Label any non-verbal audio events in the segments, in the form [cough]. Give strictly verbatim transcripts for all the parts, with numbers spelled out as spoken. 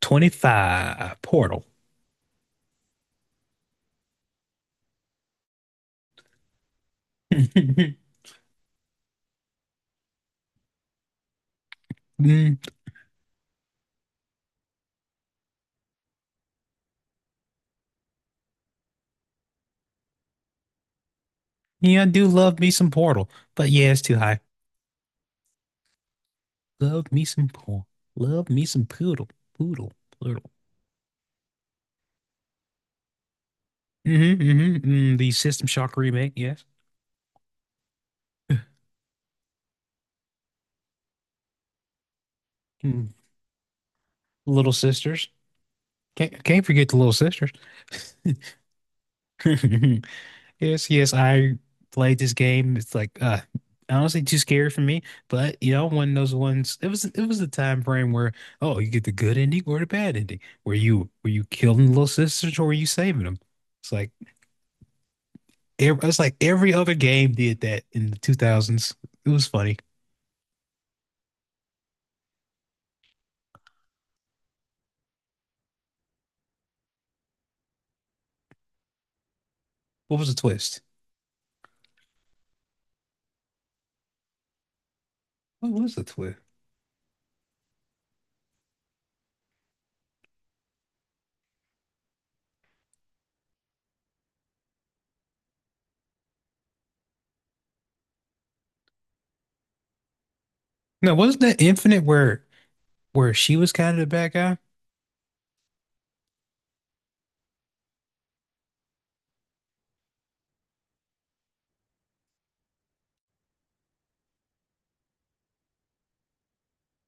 twenty-five Portal. [laughs] Mm, yeah, I do love me some Portal, but yeah, it's too high. Love me some Portal. Love me some Poodle. Poodle. Poodle. Mm-hmm, mm-hmm, mm, the System Shock remake, yes. Mm, Little Sisters. Can't, can't forget the Little Sisters. [laughs] Yes, yes, I played this game. It's like uh honestly too scary for me, but you know, one of those ones it was it was a time frame where oh you get the good ending or the bad ending. Were you were you killing the little sisters or were you saving them? It's like ev- it's like every other game did that in the two thousands. It was funny. What was the twist? What was the twist? No, wasn't that Infinite where where she was kind of the bad guy?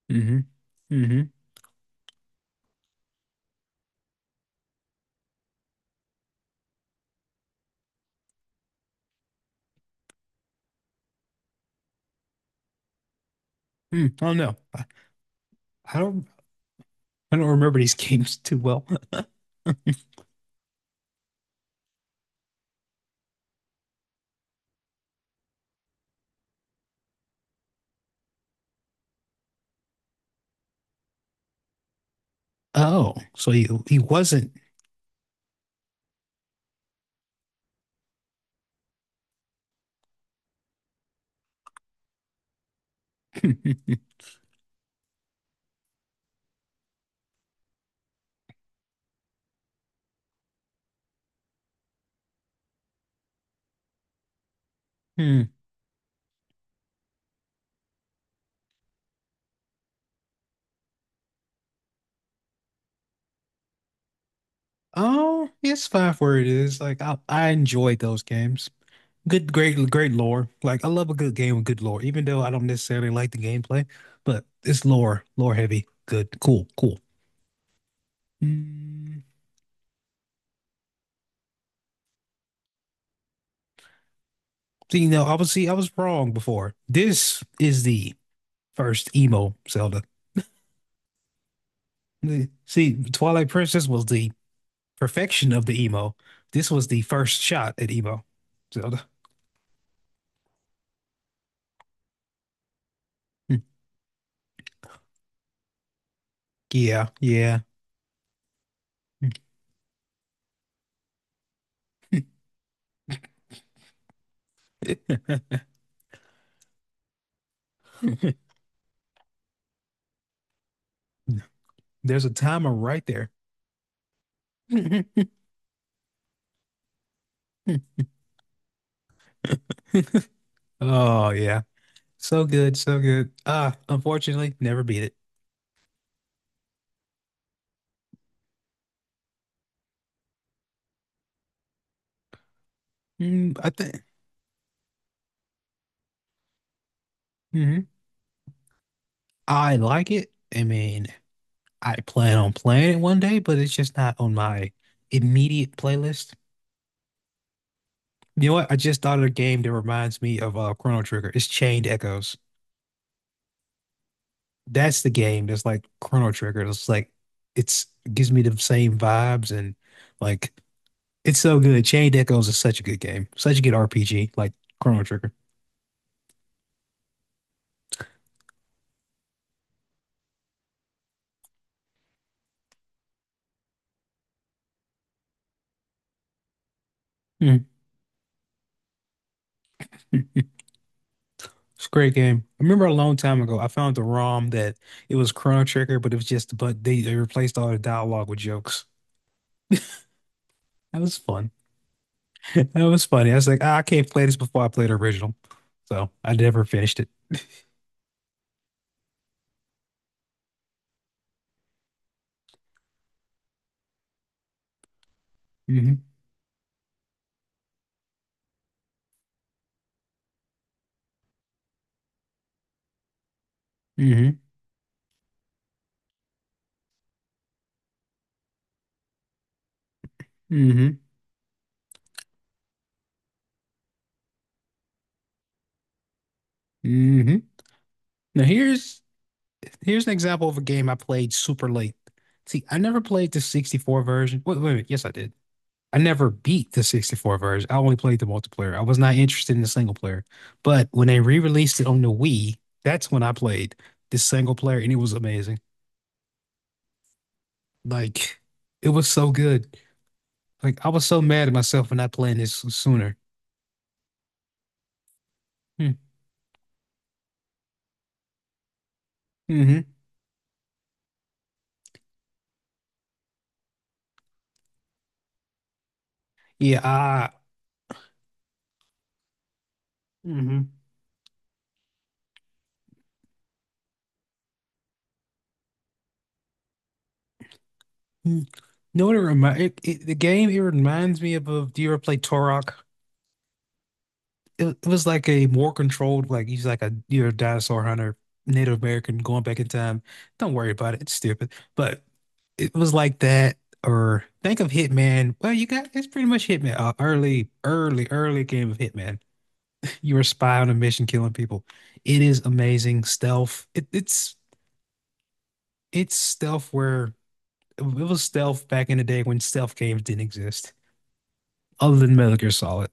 Mm-hmm. Mm-hmm. Mm, I don't know. I, I don't I don't remember these [laughs] games too well. [laughs] Oh, so he he wasn't. [laughs] Hmm. Oh, it's fine for it is. Like I I enjoyed those games. Good, great, great lore. Like I love a good game with good lore, even though I don't necessarily like the gameplay, but it's lore, lore heavy. Good, cool, cool. Mm. So you know, obviously I was wrong before. This is the first emo Zelda. Mm. See, Twilight Princess was the perfection of the emo. This was the first shot at emo Zelda. Hmm. Yeah, yeah. [laughs] [laughs] There's a timer right there. [laughs] Oh yeah. So good, so good. Ah, unfortunately, never beat it. Mm, I think mhm. I like it. I mean, I plan on playing it one day, but it's just not on my immediate playlist. You know what? I just thought of a game that reminds me of uh Chrono Trigger. It's Chained Echoes. That's the game that's like Chrono Trigger. It's like it's gives me the same vibes and like it's so good. Chained Echoes is such a good game. Such a good R P G, like Chrono Trigger. Mm, it's a great game. I remember a long time ago, I found the ROM that it was Chrono Trigger, but it was just, but they, they replaced all the dialogue with jokes. That was fun. [laughs] That was funny. I was like, "Ah, I can't play this before I play the original." So I never finished it. Hmm. Hmm. Hmm. Hmm. Now here's here's an example of a game I played super late. See, I never played the sixty-four version. Wait, wait, wait. Yes, I did. I never beat the sixty-four version. I only played the multiplayer. I was not interested in the single player. But when they re-released it on the Wii, that's when I played the single player and it was amazing. Like it was so good. Like I was so mad at myself for not playing this sooner. Hmm. Mm-hmm. Yeah, I mm-hmm. You know what it reminds it, it, the game it reminds me of, of do you ever play Torok? It, it was like a more controlled, like he's like a you're a dinosaur hunter, Native American going back in time. Don't worry about it. It's stupid. But it was like that, or think of Hitman. Well, you got it's pretty much Hitman, uh, early, early, early game of Hitman. You're a spy on a mission killing people. It is amazing stealth. It, it's it's stealth where it was stealth back in the day when stealth games didn't exist, other than Metal Gear Solid.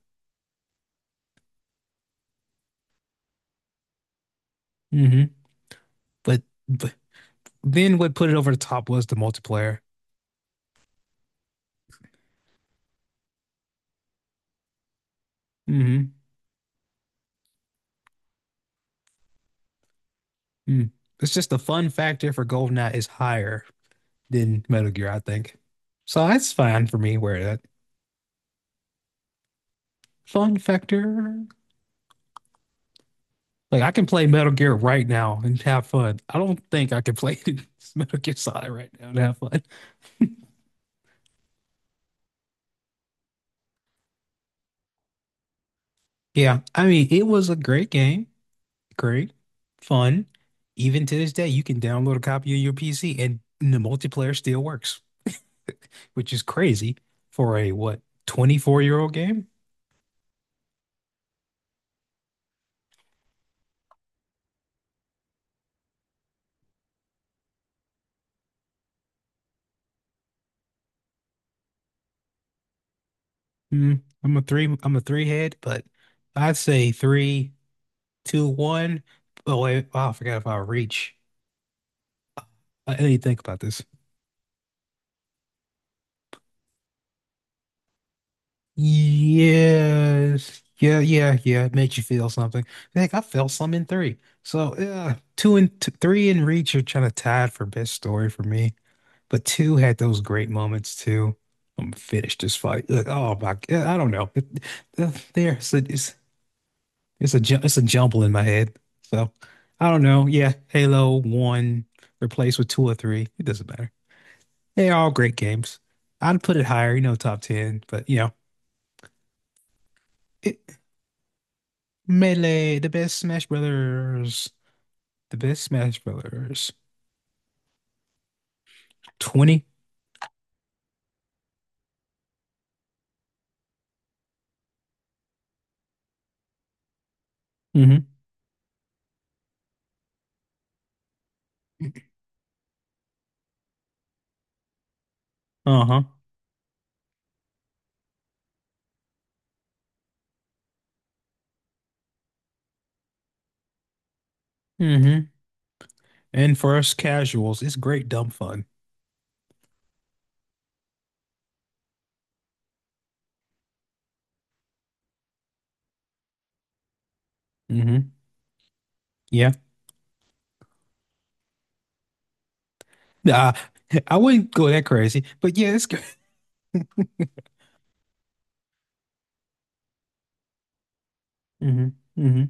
Hmm. But, but then what put it over the top was the multiplayer. Hmm. Mm. It's just the fun factor for GoldenEye is higher than Metal Gear, I think. So that's fine for me where that fun factor. Like I can play Metal Gear right now and have fun. I don't think I can play [laughs] Metal Gear Solid right now and have fun. [laughs] Yeah, I mean it was a great game, great, fun. Even to this day, you can download a copy on your P C and the multiplayer still works, which is crazy for a what, twenty-four year old game? Mm, I'm a three. I'm a three head, but I'd say three, two, one. Oh wait, oh, I forgot about reach. I didn't even think about this. Yes, yeah, yeah, yeah. It makes you feel something. Like I felt some in three. So yeah, two and t three and reach are kind of tied for best story for me. But two had those great moments too. I'm finished this fight. Like, oh my, g- I don't know. It, there, so it's, It's a ju- it's a jumble in my head. So I don't know. Yeah, Halo one replaced with two or three. It doesn't matter. They're all great games. I'd put it higher, you know, top ten, but you know, it, Melee, the best Smash Brothers, the best Smash Brothers. twenty. Mm-hmm. Uh-huh. Mm-hmm. And for us casuals, it's great dumb fun. Mm-hmm. Yeah. Uh, [laughs] I wouldn't go that crazy, but yeah, it's good. Mm-hmm. Mm-hmm.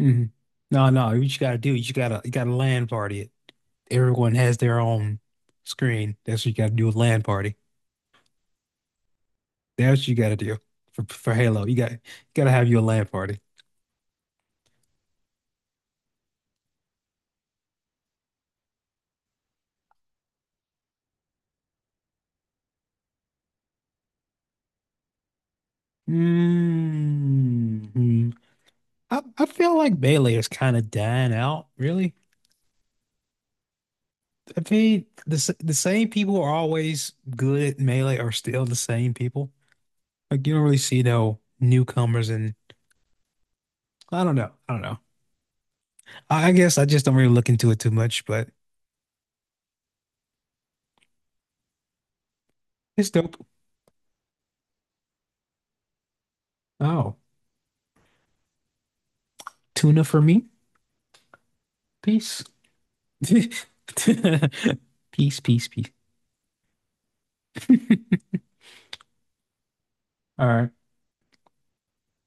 Mm-hmm. No, no, you just gotta do it. You just gotta you gotta land party it. Everyone has their own screen. That's what you got to do with LAN party. That's what you got to do for for Halo. You got got to have your LAN party. Hmm. I, I feel like Melee is kind of dying out, really. I mean, the s- the same people are always good at Melee are still the same people. Like you don't really see no newcomers, and I don't know. I don't know. I, I guess I just don't really look into it too much, but it's dope. Oh, tuna for me. Peace. [laughs] Peace, peace, peace. [laughs] All right.